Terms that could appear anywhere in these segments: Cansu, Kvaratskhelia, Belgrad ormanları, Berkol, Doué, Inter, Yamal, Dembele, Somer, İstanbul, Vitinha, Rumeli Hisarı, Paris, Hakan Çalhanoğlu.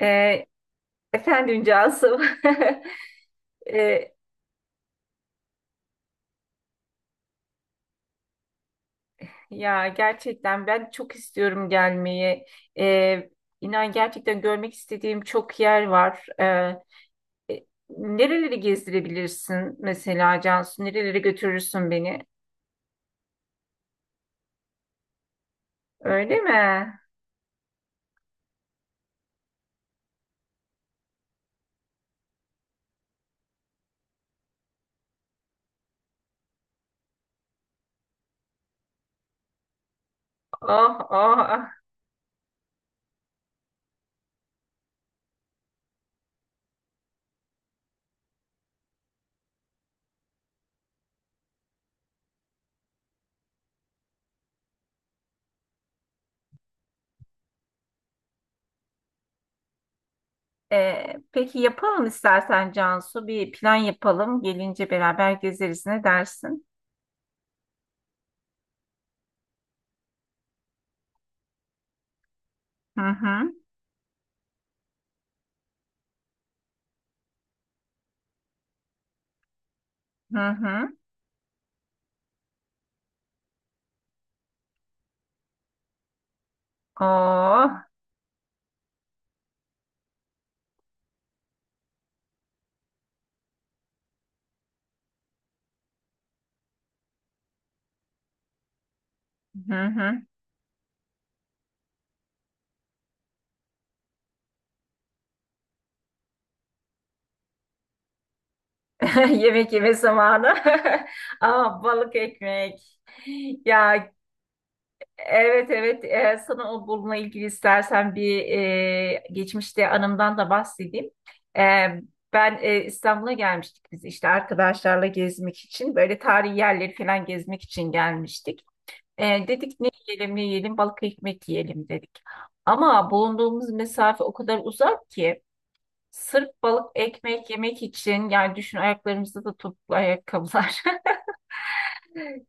Ee, efendim Cansu. Ee, ya gerçekten ben çok istiyorum gelmeyi. Ee, inan gerçekten görmek istediğim çok yer var. Nereleri gezdirebilirsin mesela Cansu? Nerelere götürürsün beni? Öyle mi? Oh oh. Peki yapalım istersen Cansu. Bir plan yapalım. Gelince beraber gezeriz. Ne dersin? Hı hı. Hı hı. Oh. Hı hı. Yemek yeme zamanı. Aa, balık ekmek. Ya, evet, evet. Sana o bununla ilgili istersen bir geçmişte anımdan da bahsedeyim. Ee, ben İstanbul'a gelmiştik biz işte arkadaşlarla gezmek için böyle tarihi yerleri falan gezmek için gelmiştik. Dedik ne yiyelim ne yiyelim balık ekmek yiyelim dedik. Ama bulunduğumuz mesafe o kadar uzak ki. Sırf balık ekmek yemek için yani düşün ayaklarımızda da topuklu ayakkabılar.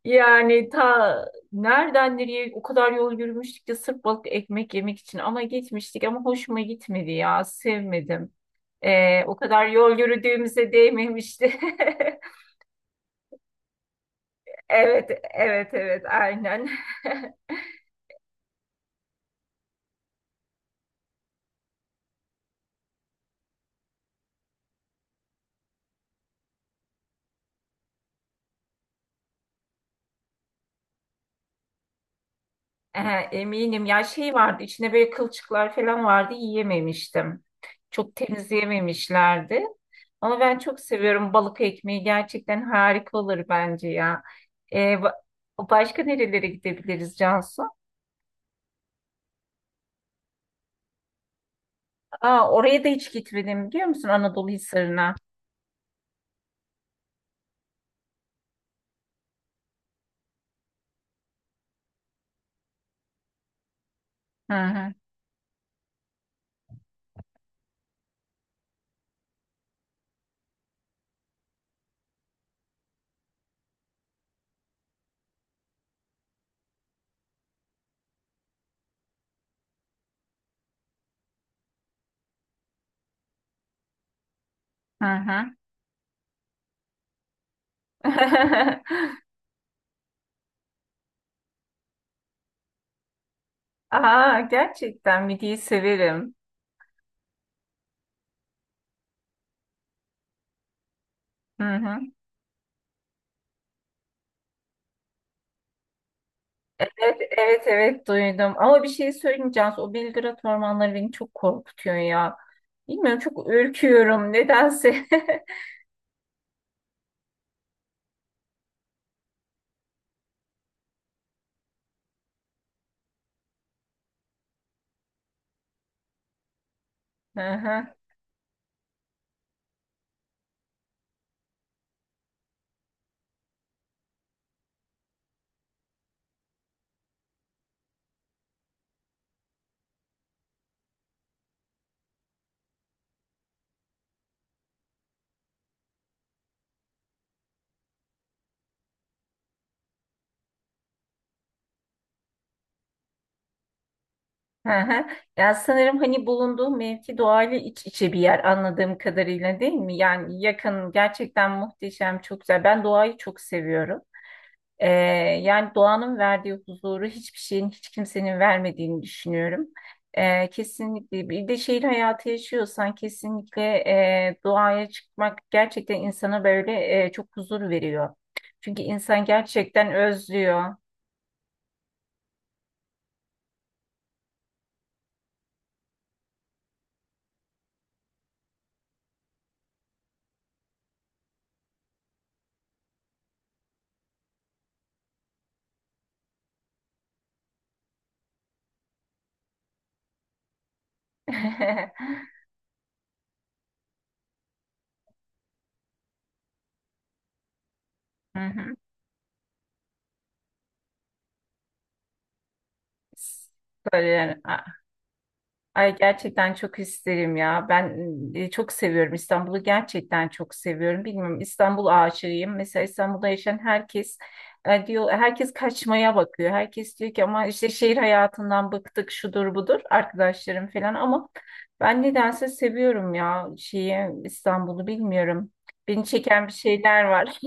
Yani ta nereden nereye o kadar yol yürümüştük ki sırf balık ekmek yemek için ama gitmiştik ama hoşuma gitmedi ya sevmedim. O kadar yol yürüdüğümüze değmemişti. Evet, evet, evet, aynen. Ehe, eminim ya şey vardı içine böyle kılçıklar falan vardı yiyememiştim. Çok temizleyememişlerdi. Ama ben çok seviyorum balık ekmeği gerçekten harika olur bence ya. Ee, ba- başka nerelere gidebiliriz Cansu? Aa, oraya da hiç gitmedim biliyor musun Anadolu Hisarı'na? Hı hı hı. Hı. Aa, gerçekten midiyi severim. Hı hı. Evet, evet, evet duydum. Ama bir şey söyleyeyim Cansu, o Belgrad ormanları beni çok korkutuyor ya. Bilmiyorum çok ürküyorum nedense. Hı hı, hı hı. Ya sanırım hani bulunduğum mevki doğayla iç içe bir yer anladığım kadarıyla değil mi? Yani yakın gerçekten muhteşem çok güzel. Ben doğayı çok seviyorum. Ee, yani doğanın verdiği huzuru hiçbir şeyin, hiç kimsenin vermediğini düşünüyorum. Kesinlikle bir de şehir hayatı yaşıyorsan kesinlikle doğaya çıkmak gerçekten insana böyle çok huzur veriyor. Çünkü insan gerçekten özlüyor. Hı hı. Böyle yani. Ay gerçekten çok isterim ya. Ben çok seviyorum İstanbul'u. Gerçekten çok seviyorum. Bilmiyorum İstanbul aşığıyım. Mesela İstanbul'da yaşayan herkes diyor herkes kaçmaya bakıyor. Herkes diyor ki ama işte şehir hayatından bıktık şudur budur arkadaşlarım falan ama ben nedense seviyorum ya şeyi İstanbul'u bilmiyorum. Beni çeken bir şeyler var.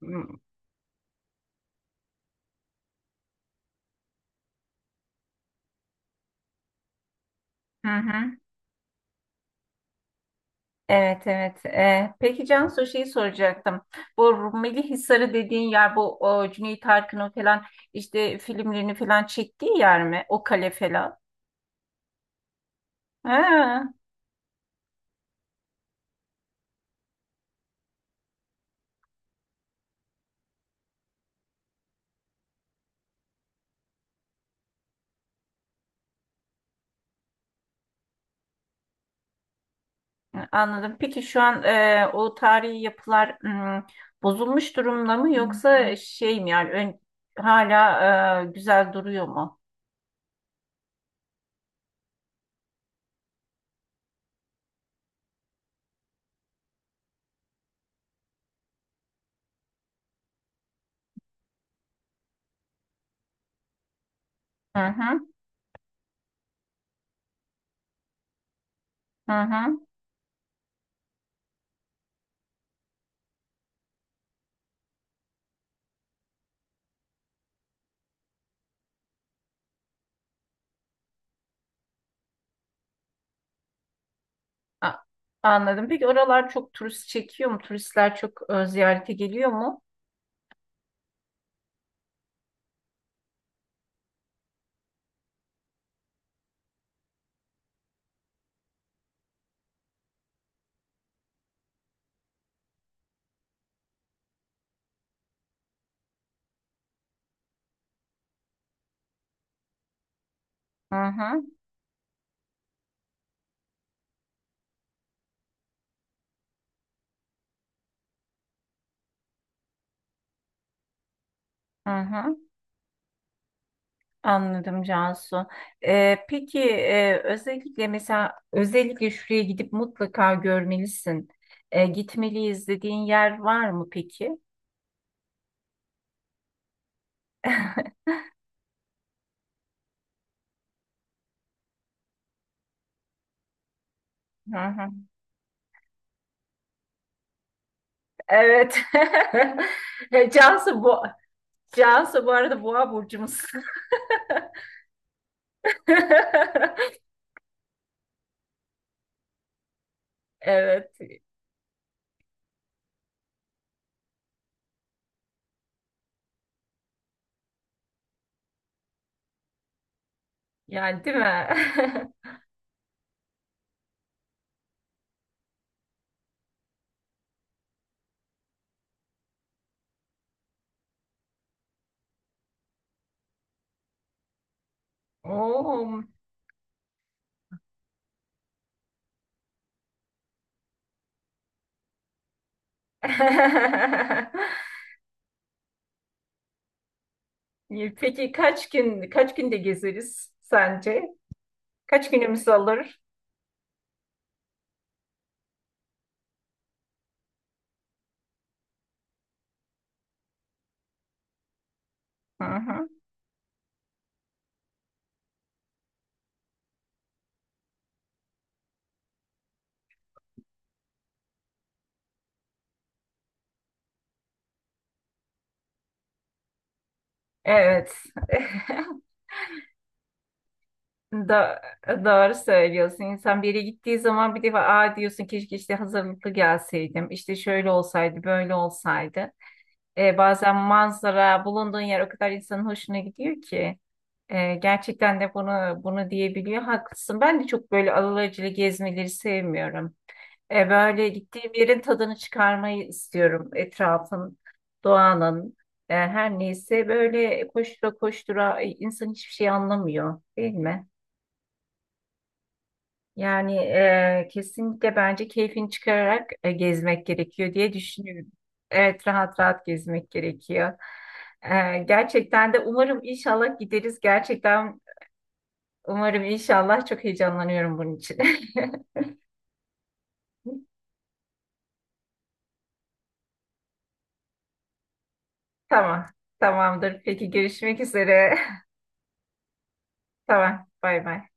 Hı hı. Evet, evet. Peki Cansu şeyi soracaktım. Bu Rumeli Hisarı dediğin yer bu o, Cüneyt Arkın'ın falan işte filmlerini falan çektiği yer mi? O kale falan. Ha, anladım. Peki şu an o tarihi yapılar bozulmuş durumda mı yoksa şey mi yani hala güzel duruyor mu? Hı hı hı hı. A- anladım. Peki oralar çok turist çekiyor mu? Turistler çok ziyarete geliyor mu? Hı hı hı hı. Anladım Cansu. Peki özellikle mesela özellikle şuraya gidip mutlaka görmelisin. Gitmeliyiz dediğin yer var mı peki? Hı hı. Evet. Cansu bu Cansu bu arada boğa burcumuz. Evet. Yani değil mi? Oo. Peki kaç günde gezeriz sence? Kaç günümüz alır? Hı hı. Evet. Da doğru söylüyorsun. İnsan bir yere gittiği zaman bir defa aa diyorsun keşke işte hazırlıklı gelseydim. İşte şöyle olsaydı, böyle olsaydı. Bazen manzara, bulunduğun yer o kadar insanın hoşuna gidiyor ki. Gerçekten de bunu diyebiliyor. Haklısın. Ben de çok böyle alelacele gezmeleri sevmiyorum. Böyle gittiğim yerin tadını çıkarmayı istiyorum. Etrafın, doğanın, her neyse böyle koştura koştura insan hiçbir şey anlamıyor, değil mi? Yani kesinlikle bence keyfini çıkararak gezmek gerekiyor diye düşünüyorum. Evet, rahat rahat gezmek gerekiyor. Gerçekten de umarım inşallah gideriz. Gerçekten umarım inşallah çok heyecanlanıyorum bunun için. Tamam, tamamdır. Peki görüşmek üzere. Tamam. Bay bay.